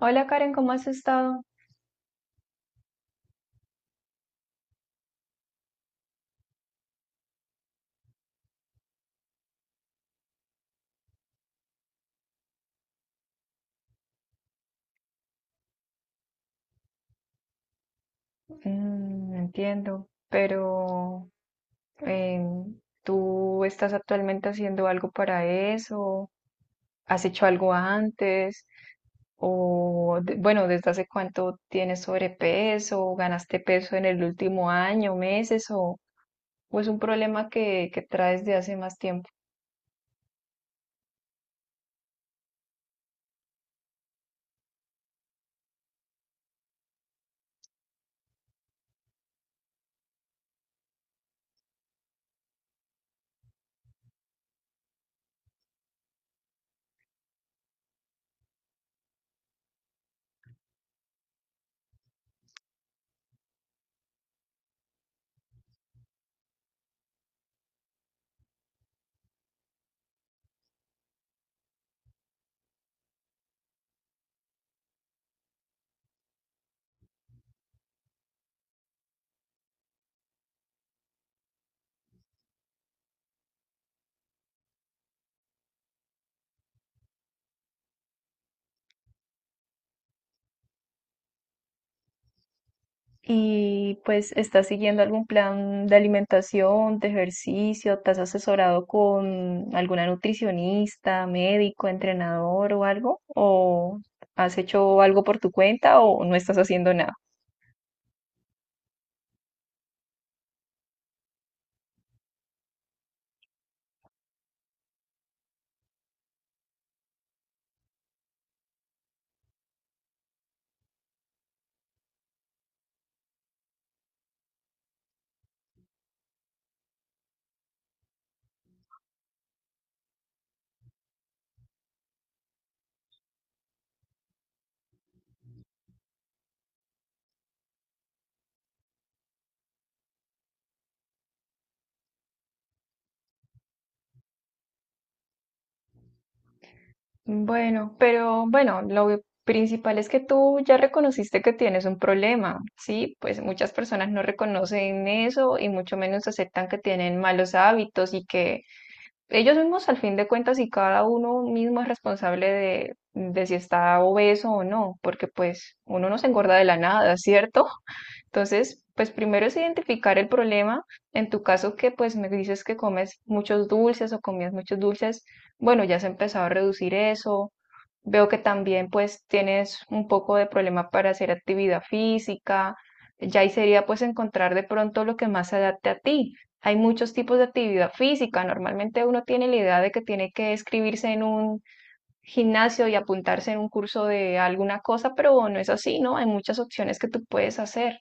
Hola Karen, ¿cómo has estado? Mm, entiendo, pero ¿tú estás actualmente haciendo algo para eso? ¿Has hecho algo antes? Bueno, ¿desde hace cuánto tienes sobrepeso? ¿Ganaste peso en el último año, meses? O es un problema que traes de hace más tiempo? Y pues, ¿estás siguiendo algún plan de alimentación, de ejercicio? ¿Te has asesorado con alguna nutricionista, médico, entrenador o algo? ¿O has hecho algo por tu cuenta o no estás haciendo nada? Bueno, pero bueno, principal es que tú ya reconociste que tienes un problema, ¿sí? Pues muchas personas no reconocen eso y mucho menos aceptan que tienen malos hábitos y que ellos mismos, al fin de cuentas, y cada uno mismo es responsable de si está obeso o no, porque pues uno no se engorda de la nada, ¿cierto? Entonces, pues primero es identificar el problema. En tu caso que pues me dices que comes muchos dulces o comías muchos dulces, bueno, ya has empezado a reducir eso. Veo que también pues tienes un poco de problema para hacer actividad física. Ya ahí sería pues encontrar de pronto lo que más se adapte a ti. Hay muchos tipos de actividad física. Normalmente uno tiene la idea de que tiene que escribirse en un gimnasio y apuntarse en un curso de alguna cosa, pero no es así, ¿no? Hay muchas opciones que tú puedes hacer.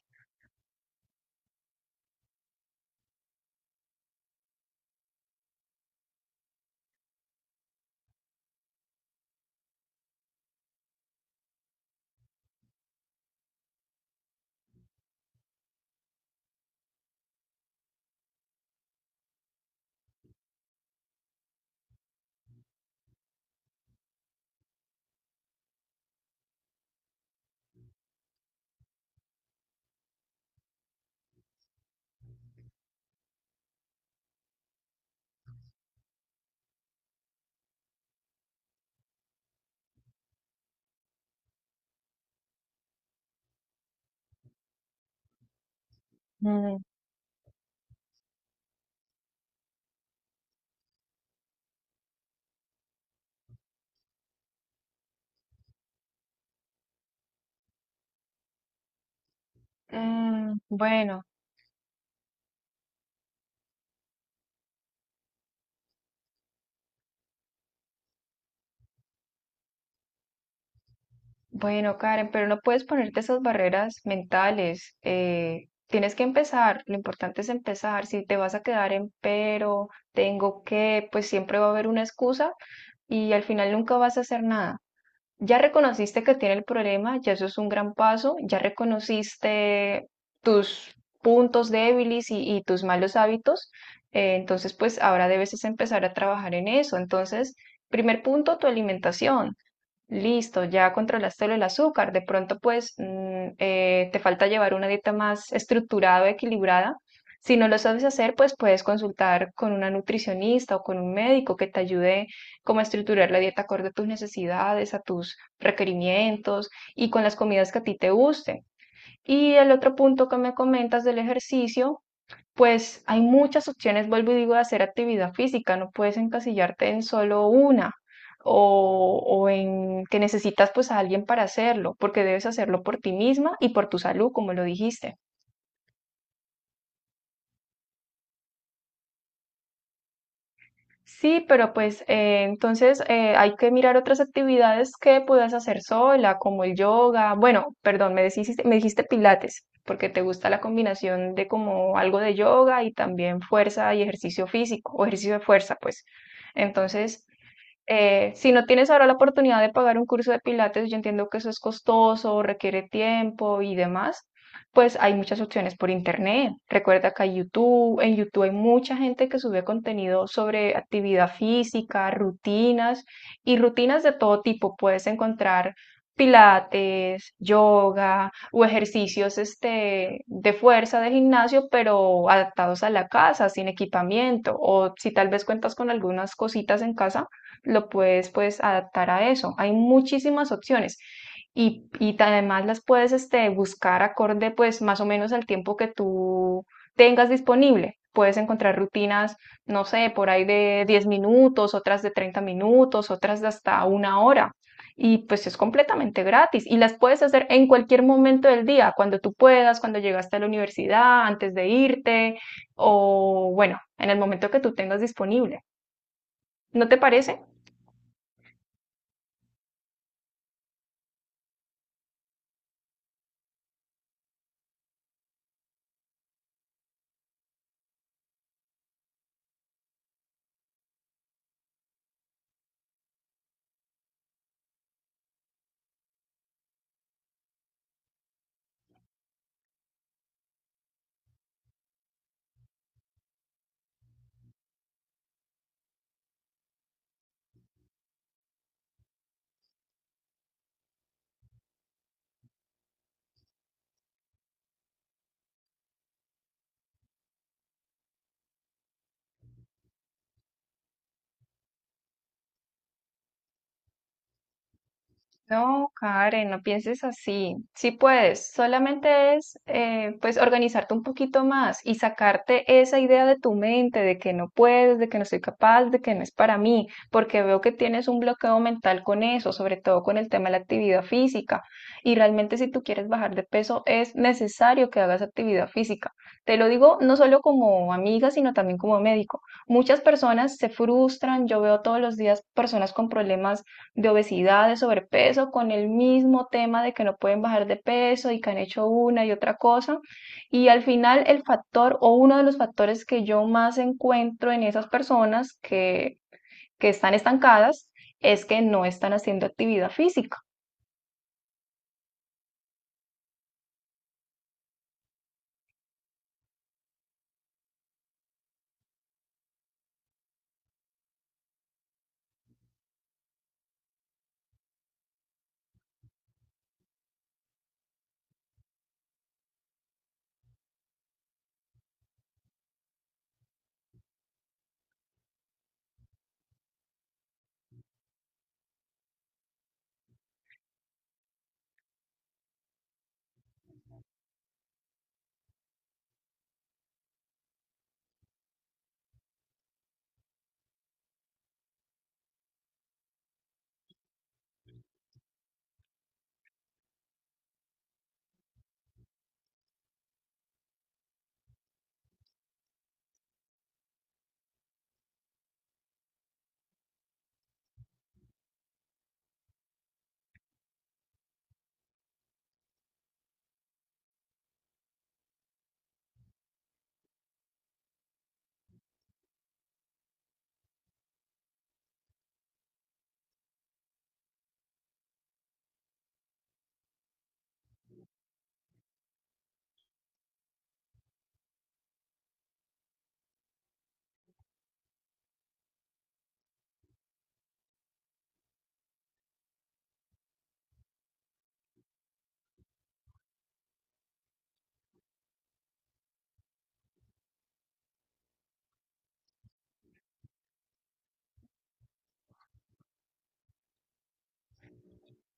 Mm, mm, bueno, bueno, Karen, pero no puedes ponerte esas barreras mentales. Tienes que empezar. Lo importante es empezar. Si te vas a quedar en pero, tengo que, pues siempre va a haber una excusa y al final nunca vas a hacer nada. Ya reconociste que tiene el problema, ya eso es un gran paso. Ya reconociste tus puntos débiles y tus malos hábitos. Entonces, pues ahora debes es empezar a trabajar en eso. Entonces, primer punto, tu alimentación. Listo, ya controlaste lo del azúcar. De pronto, pues, te falta llevar una dieta más estructurada o equilibrada. Si no lo sabes hacer, pues puedes consultar con una nutricionista o con un médico que te ayude como a estructurar la dieta acorde a tus necesidades, a tus requerimientos y con las comidas que a ti te gusten. Y el otro punto que me comentas del ejercicio, pues hay muchas opciones, vuelvo y digo, de hacer actividad física, no puedes encasillarte en solo una o en que necesitas pues a alguien para hacerlo, porque debes hacerlo por ti misma y por tu salud, como lo dijiste. Sí, pero pues entonces hay que mirar otras actividades que puedas hacer sola, como el yoga. Bueno, perdón, me dijiste pilates, porque te gusta la combinación de como algo de yoga y también fuerza y ejercicio físico, o ejercicio de fuerza, pues. Entonces... Si no tienes ahora la oportunidad de pagar un curso de pilates, yo entiendo que eso es costoso, requiere tiempo y demás, pues hay muchas opciones por internet. Recuerda que hay YouTube, en YouTube hay mucha gente que sube contenido sobre actividad física, rutinas y rutinas de todo tipo. Puedes encontrar pilates, yoga o ejercicios este, de fuerza de gimnasio, pero adaptados a la casa, sin equipamiento, o si tal vez cuentas con algunas cositas en casa lo puedes pues adaptar a eso. Hay muchísimas opciones y además las puedes este, buscar acorde pues más o menos al tiempo que tú tengas disponible. Puedes encontrar rutinas, no sé, por ahí de 10 minutos, otras de 30 minutos, otras de hasta una hora. Y pues es completamente gratis y las puedes hacer en cualquier momento del día, cuando tú puedas, cuando llegaste a la universidad, antes de irte o bueno, en el momento que tú tengas disponible. ¿No te parece? No, Karen, no pienses así. Sí puedes, solamente es pues organizarte un poquito más y sacarte esa idea de tu mente de que no puedes, de que no soy capaz, de que no es para mí, porque veo que tienes un bloqueo mental con eso, sobre todo con el tema de la actividad física. Y realmente si tú quieres bajar de peso es necesario que hagas actividad física. Te lo digo no solo como amiga, sino también como médico. Muchas personas se frustran, yo veo todos los días personas con problemas de obesidad, de sobrepeso, con el mismo tema de que no pueden bajar de peso y que han hecho una y otra cosa. Y al final el factor o uno de los factores que yo más encuentro en esas personas que están estancadas es que no están haciendo actividad física.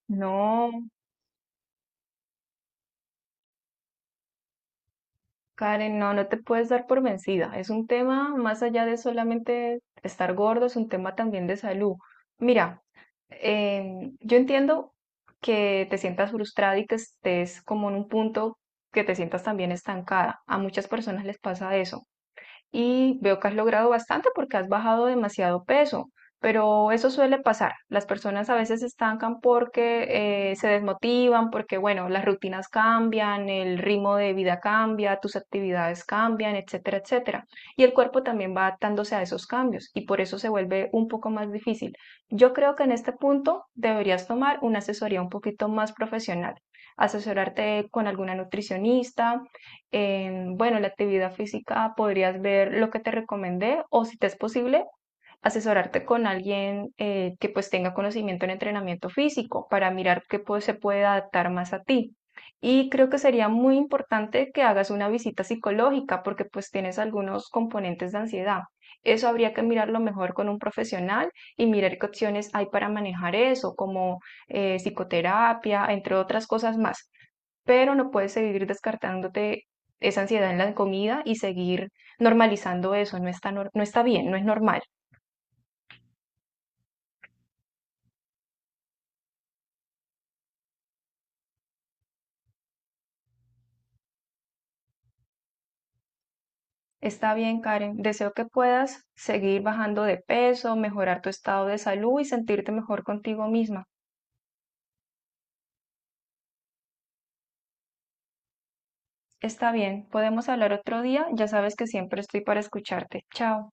No, Karen, no, no te puedes dar por vencida. Es un tema más allá de solamente estar gordo, es un tema también de salud. Mira, yo entiendo que te sientas frustrada y que estés como en un punto que te sientas también estancada. A muchas personas les pasa eso y veo que has logrado bastante porque has bajado demasiado peso, pero eso suele pasar. Las personas a veces se estancan porque se desmotivan, porque bueno, las rutinas cambian, el ritmo de vida cambia, tus actividades cambian, etcétera, etcétera. Y el cuerpo también va adaptándose a esos cambios y por eso se vuelve un poco más difícil. Yo creo que en este punto deberías tomar una asesoría un poquito más profesional, asesorarte con alguna nutricionista en, bueno, la actividad física podrías ver lo que te recomendé o si te es posible, asesorarte con alguien que pues tenga conocimiento en entrenamiento físico para mirar qué pues, se puede adaptar más a ti. Y creo que sería muy importante que hagas una visita psicológica porque pues tienes algunos componentes de ansiedad. Eso habría que mirarlo mejor con un profesional y mirar qué opciones hay para manejar eso, como psicoterapia, entre otras cosas más, pero no puedes seguir descartándote esa ansiedad en la comida y seguir normalizando eso. No está bien, no es normal. Está bien, Karen. Deseo que puedas seguir bajando de peso, mejorar tu estado de salud y sentirte mejor contigo misma. Está bien, podemos hablar otro día. Ya sabes que siempre estoy para escucharte. Chao.